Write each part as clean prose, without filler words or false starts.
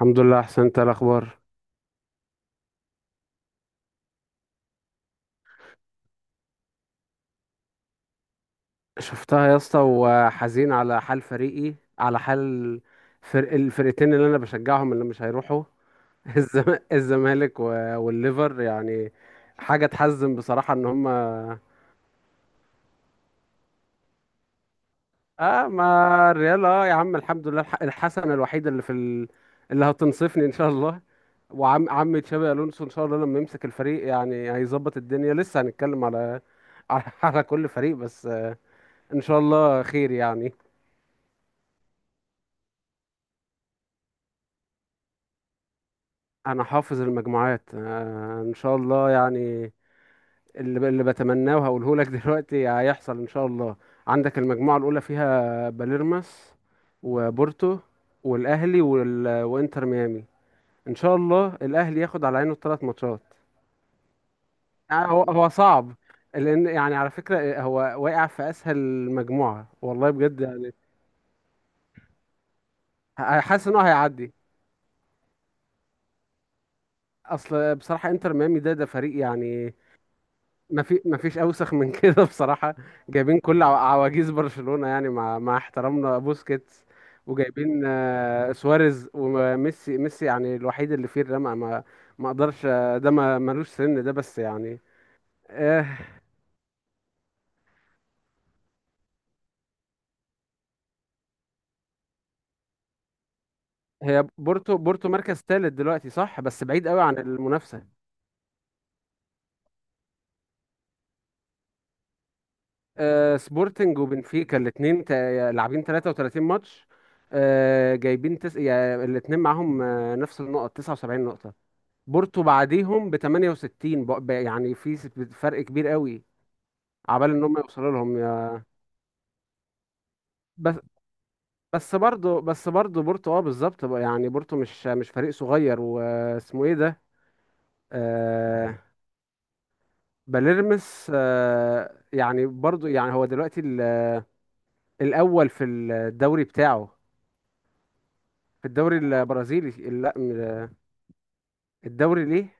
الحمد لله، احسن. انت إيه الاخبار؟ شفتها يا اسطى، وحزين على حال فريقي، على حال فرق الفرقتين اللي انا بشجعهم اللي مش هيروحوا. الزم... الزمالك والليفر يعني، حاجه تحزن بصراحه ان هم. اه، ما الريال. اه يا عم، الحمد لله. الحسنه الوحيده اللي هتنصفني ان شاء الله. وعم عم تشابي الونسو ان شاء الله لما يمسك الفريق، يعني هيظبط الدنيا. لسه هنتكلم على على كل فريق، بس آه، ان شاء الله خير يعني. انا حافظ المجموعات آه، ان شاء الله يعني. اللي بتمناه وهقوله لك دلوقتي هيحصل ان شاء الله. عندك المجموعه الاولى فيها باليرماس وبورتو والاهلي وانتر ميامي. ان شاء الله الاهلي ياخد على عينه الثلاث ماتشات. يعني هو صعب، لان يعني على فكره آه، هو واقع في اسهل مجموعه والله بجد يعني. حاسس ان هو هيعدي. اصل بصراحه انتر ميامي ده فريق يعني، ما فيش اوسخ من كده بصراحه. جايبين كل عواجيز برشلونه، يعني مع احترامنا بوسكيتس، وجايبين آه، سواريز وميسي. ميسي يعني الوحيد اللي فيه الرمق. ما اقدرش آه، ده ما ملوش سن ده بس يعني آه. هي بورتو مركز ثالث دلوقتي، صح، بس بعيد قوي عن المنافسه. آه سبورتنج وبنفيكا الاثنين لاعبين 33 ماتش، آه جايبين يعني الاثنين معاهم آه، نفس النقط، 79 نقطه. بورتو بعديهم ب 68 يعني فرق كبير قوي عبال ان هم يوصلوا لهم بس بس برضه بورتو، اه بالظبط بقى، يعني بورتو مش فريق صغير. واسمه ايه ده؟ آه باليرمس. آه يعني برضه يعني هو دلوقتي الاول في الدوري بتاعه، في الدوري البرازيلي. لا، الدوري ليه،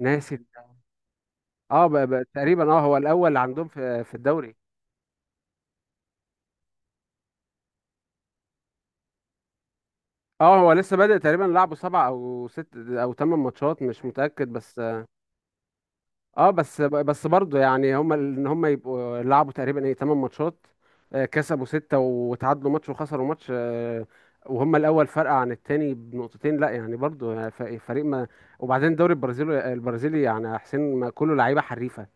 ناسي. اه تقريبا اه هو الاول عندهم في الدوري. اه هو لسه بادئ تقريبا، لعبه سبع او ست او ثمان ماتشات مش متأكد. بس اه بس برضه يعني هم ان هم يبقوا لعبوا تقريبا ايه ثمان ماتشات آه، كسبوا ستة وتعادلوا ماتش وخسروا ماتش آه، وهم الأول فرق عن التاني بنقطتين، لا يعني برضه يعني فريق ما. وبعدين الدوري البرازيلي، يعني يا حسين، ما كله لعيبة حريفة،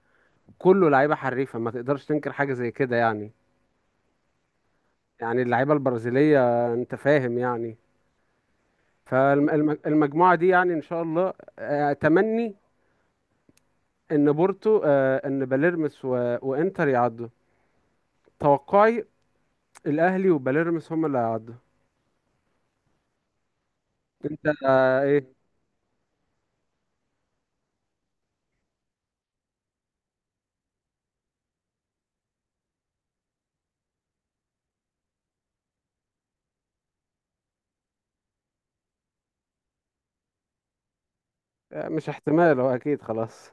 كله لعيبة حريفة. ما تقدرش تنكر حاجة زي كده يعني، يعني اللعيبة البرازيلية آه، انت فاهم يعني. فالمجموعة دي يعني إن شاء الله آه، أتمني إن بورتو آه، إن باليرمس وإنتر يعدوا. توقعي الأهلي وباليرمس هم اللي هيعدوا. أنت آه، إيه؟ آه، مش احتمال، هو أكيد، خلاص.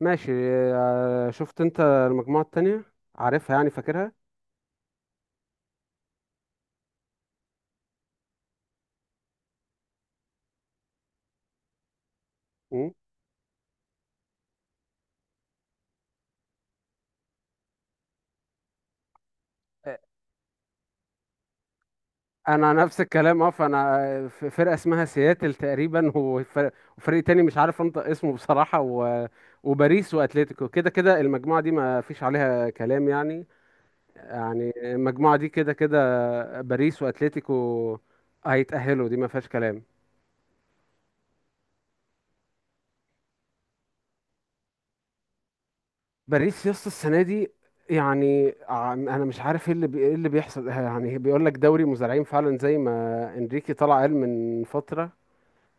ماشي. آه، شفت أنت المجموعة التانية؟ عارفها يعني فاكرها. مم. آه، أنا نفس الكلام، أه فأنا آه، في فرقة اسمها سياتل تقريبا، وفريق تاني مش عارف أنطق اسمه بصراحة وباريس وأتليتيكو. كده كده المجموعة دي ما فيش عليها كلام يعني. يعني المجموعة دي كده كده باريس واتلتيكو هيتأهلوا، دي ما فيهاش كلام. باريس يا اسطى، السنة دي يعني انا مش عارف ايه ايه اللي بيحصل. يعني بيقول لك دوري مزارعين فعلا، زي ما انريكي طلع قال من فترة.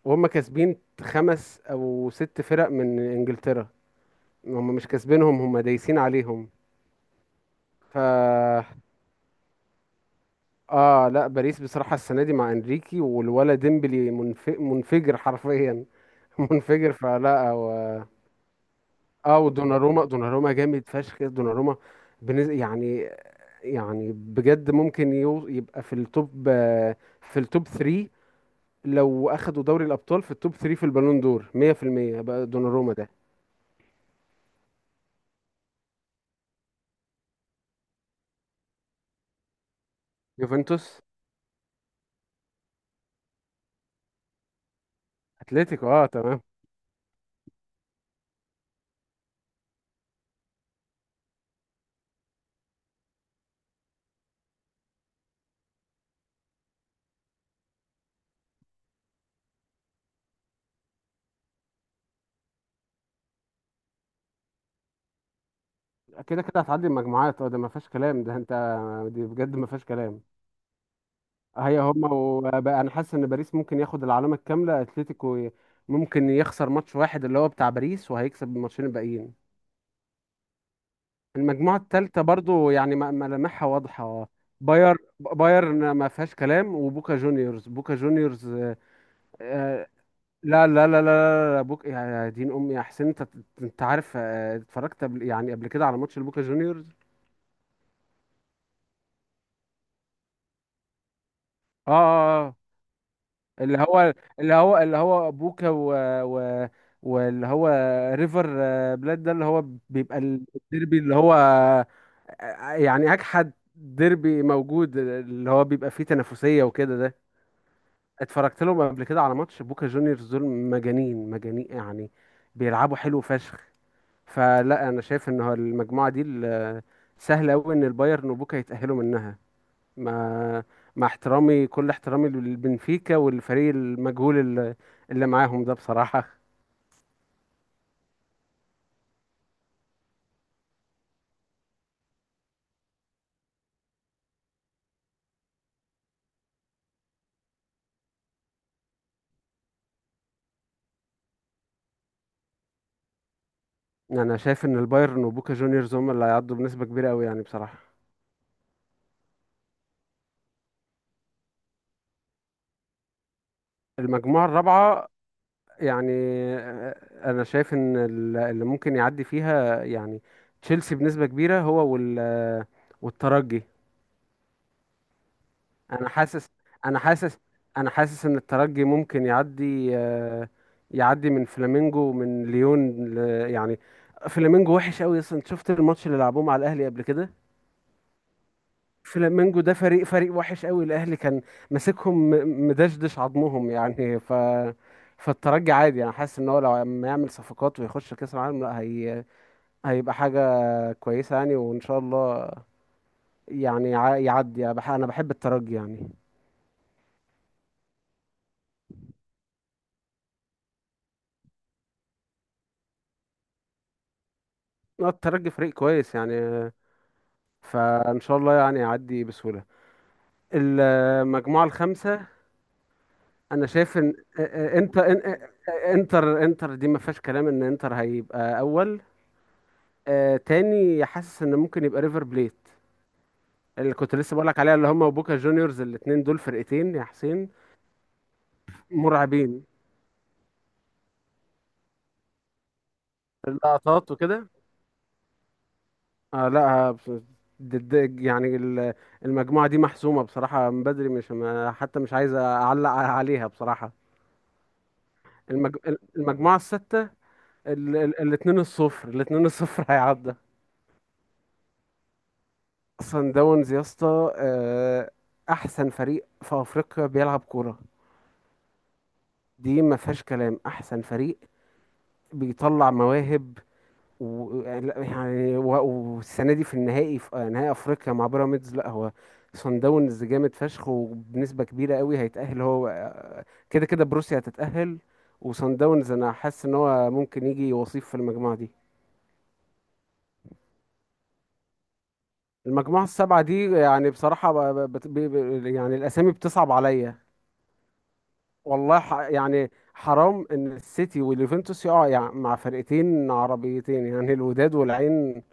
وهم كاسبين خمس او ست فرق من انجلترا، هم مش كاسبينهم، هم دايسين عليهم. ف اه لا باريس بصراحة السنة دي مع انريكي والولا ديمبلي، منفجر حرفيا، منفجر. فلا اه، ودوناروما. دوناروما جامد فشخ. دوناروما يعني، يعني بجد ممكن يبقى في التوب آه، في التوب 3. لو اخدوا دوري الابطال في التوب 3 في البالون دور 100% بقى، دوناروما ده. يوفنتوس. اتلتيكو، اه تمام. كده كده هتعدي المجموعات، اه ده ما فيهاش كلام، ده انت دي بجد ما فيهاش كلام. هي هما. وبقى انا حاسس ان باريس ممكن ياخد العلامه الكامله، اتلتيكو ممكن يخسر ماتش واحد اللي هو بتاع باريس، وهيكسب الماتشين الباقيين. المجموعة الثالثة برضو يعني ملامحها واضحة. بايرن ما فيهاش كلام، وبوكا جونيورز. بوكا جونيورز آه، لا لا لا لا لا لا. بوك يا دين امي يا حسين، انت عارف آه، اتفرجت قبل يعني قبل كده على ماتش البوكا جونيورز؟ اه اه اه آه. اللي هو اللي هو بوكا و, و واللي هو ريفر آه، بلاد ده اللي هو بيبقى الديربي اللي هو آه، آه، يعني اجحد. ديربي موجود اللي هو بيبقى فيه تنافسية وكده ده. اتفرجت لهم قبل كده على ماتش بوكا جونيورز. دول مجانين مجانين يعني، بيلعبوا حلو فشخ. فلا انا شايف ان هو المجموعه دي سهل قوي ان البايرن وبوكا يتاهلوا منها، مع احترامي، كل احترامي للبنفيكا والفريق المجهول اللي معاهم ده بصراحه. انا شايف ان البايرن وبوكا جونيورز هم اللي هيعدوا بنسبه كبيره قوي يعني بصراحه. المجموعه الرابعه، يعني انا شايف ان اللي ممكن يعدي فيها يعني تشيلسي بنسبة كبيرة، هو والترجي. انا حاسس انا حاسس انا حاسس ان الترجي ممكن يعدي آه، يعدي من فلامينجو ومن ليون يعني. فلامينجو وحش قوي اصلا، أنت شفت الماتش اللي لعبوه مع الاهلي قبل كده؟ فلامينجو ده فريق وحش قوي، الاهلي كان ماسكهم مدشدش عظمهم، يعني فالترجي عادي. انا حاسس ان هو لو ما يعمل صفقات ويخش كاس العالم، لا هي هيبقى حاجة كويسة يعني، وإن شاء الله يعني يعدي. أنا بحب الترجي يعني آه، الترجي فريق كويس يعني آه، فإن شاء الله يعني يعدي بسهولة. المجموعة الخامسة. أنا شايف إن آه، آه، إنتر آه، آه، إنتر، إنتر دي ما فيهاش كلام. إن إنتر هيبقى أول آه، تاني حاسس إن ممكن يبقى ريفر بليت اللي كنت لسه بقولك عليها. اللي هما وبوكا جونيورز الاتنين دول فرقتين يا حسين، مرعبين. اللقطات وكده. آه لا ضد يعني المجموعة دي محسومة بصراحة من بدري، مش حتى مش عايز أعلق عليها بصراحة. المج... المجموعة الستة. الاتنين الصفر، الاتنين الصفر هيعدى. صن داونز يا اسطى آه، أحسن فريق في أفريقيا بيلعب كورة. دي ما فيهاش كلام، أحسن فريق بيطلع مواهب، و لا، يعني والسنه دي في النهائي، في نهائي افريقيا مع بيراميدز. لا هو صن داونز جامد فشخ، وبنسبه كبيره قوي هيتاهل. هو كده كده بروسيا هتتاهل، وصن داونز انا حاسس ان هو ممكن يجي وصيف في المجموعه دي. المجموعه السبعه دي يعني بصراحه ب... ب... بت- ب... ب- يعني الاسامي بتصعب عليا. والله يعني حرام ان السيتي واليوفنتوس يقعوا يعني مع فرقتين عربيتين يعني الوداد والعين.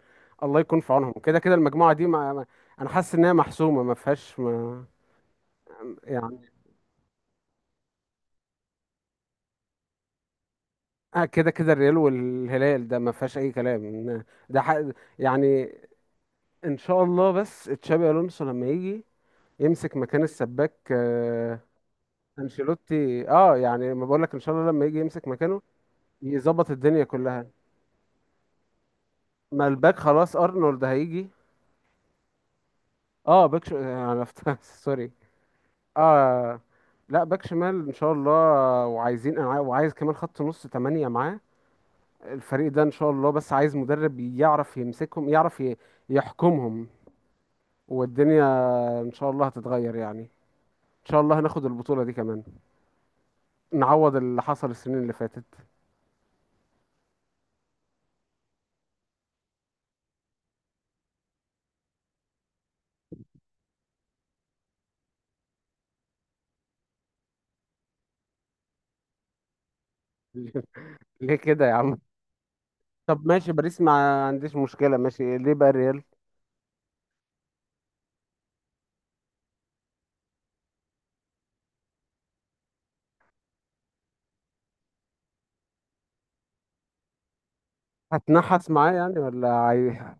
الله يكون في عونهم. كده كده المجموعه دي انا حاسس انها محسومه، ما فيهاش ما... يعني. آه كده كده الريال والهلال ده ما فيهاش اي كلام. إن ده يعني، ان شاء الله بس تشابي الونسو لما يجي يمسك مكان السباك انشيلوتي. اه يعني ما بقول لك، ان شاء الله لما يجي يمسك مكانه يظبط الدنيا كلها. ما الباك خلاص ارنولد هيجي. اه باك ش... آه، انا فت- سوري. اه لا باك شمال ان شاء الله. وعايزين انا عاي- وعايز كمان خط نص تمانية معاه. الفريق ده ان شاء الله، بس عايز مدرب يعرف يمسكهم، يعرف يحكمهم، والدنيا ان شاء الله هتتغير يعني. ان شاء الله هناخد البطولة دي كمان، نعوض اللي حصل السنين اللي فاتت. ليه كده يا عم؟ طب ماشي باريس ما عنديش مشكلة. ماشي، ليه بقى الريال هتنحس معاه يعني ولا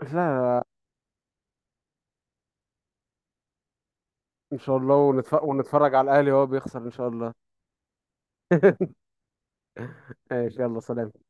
لا. لا، ان شاء الله ونتفرج على الاهلي وهو بيخسر ان شاء الله. ماشي، يلا سلام.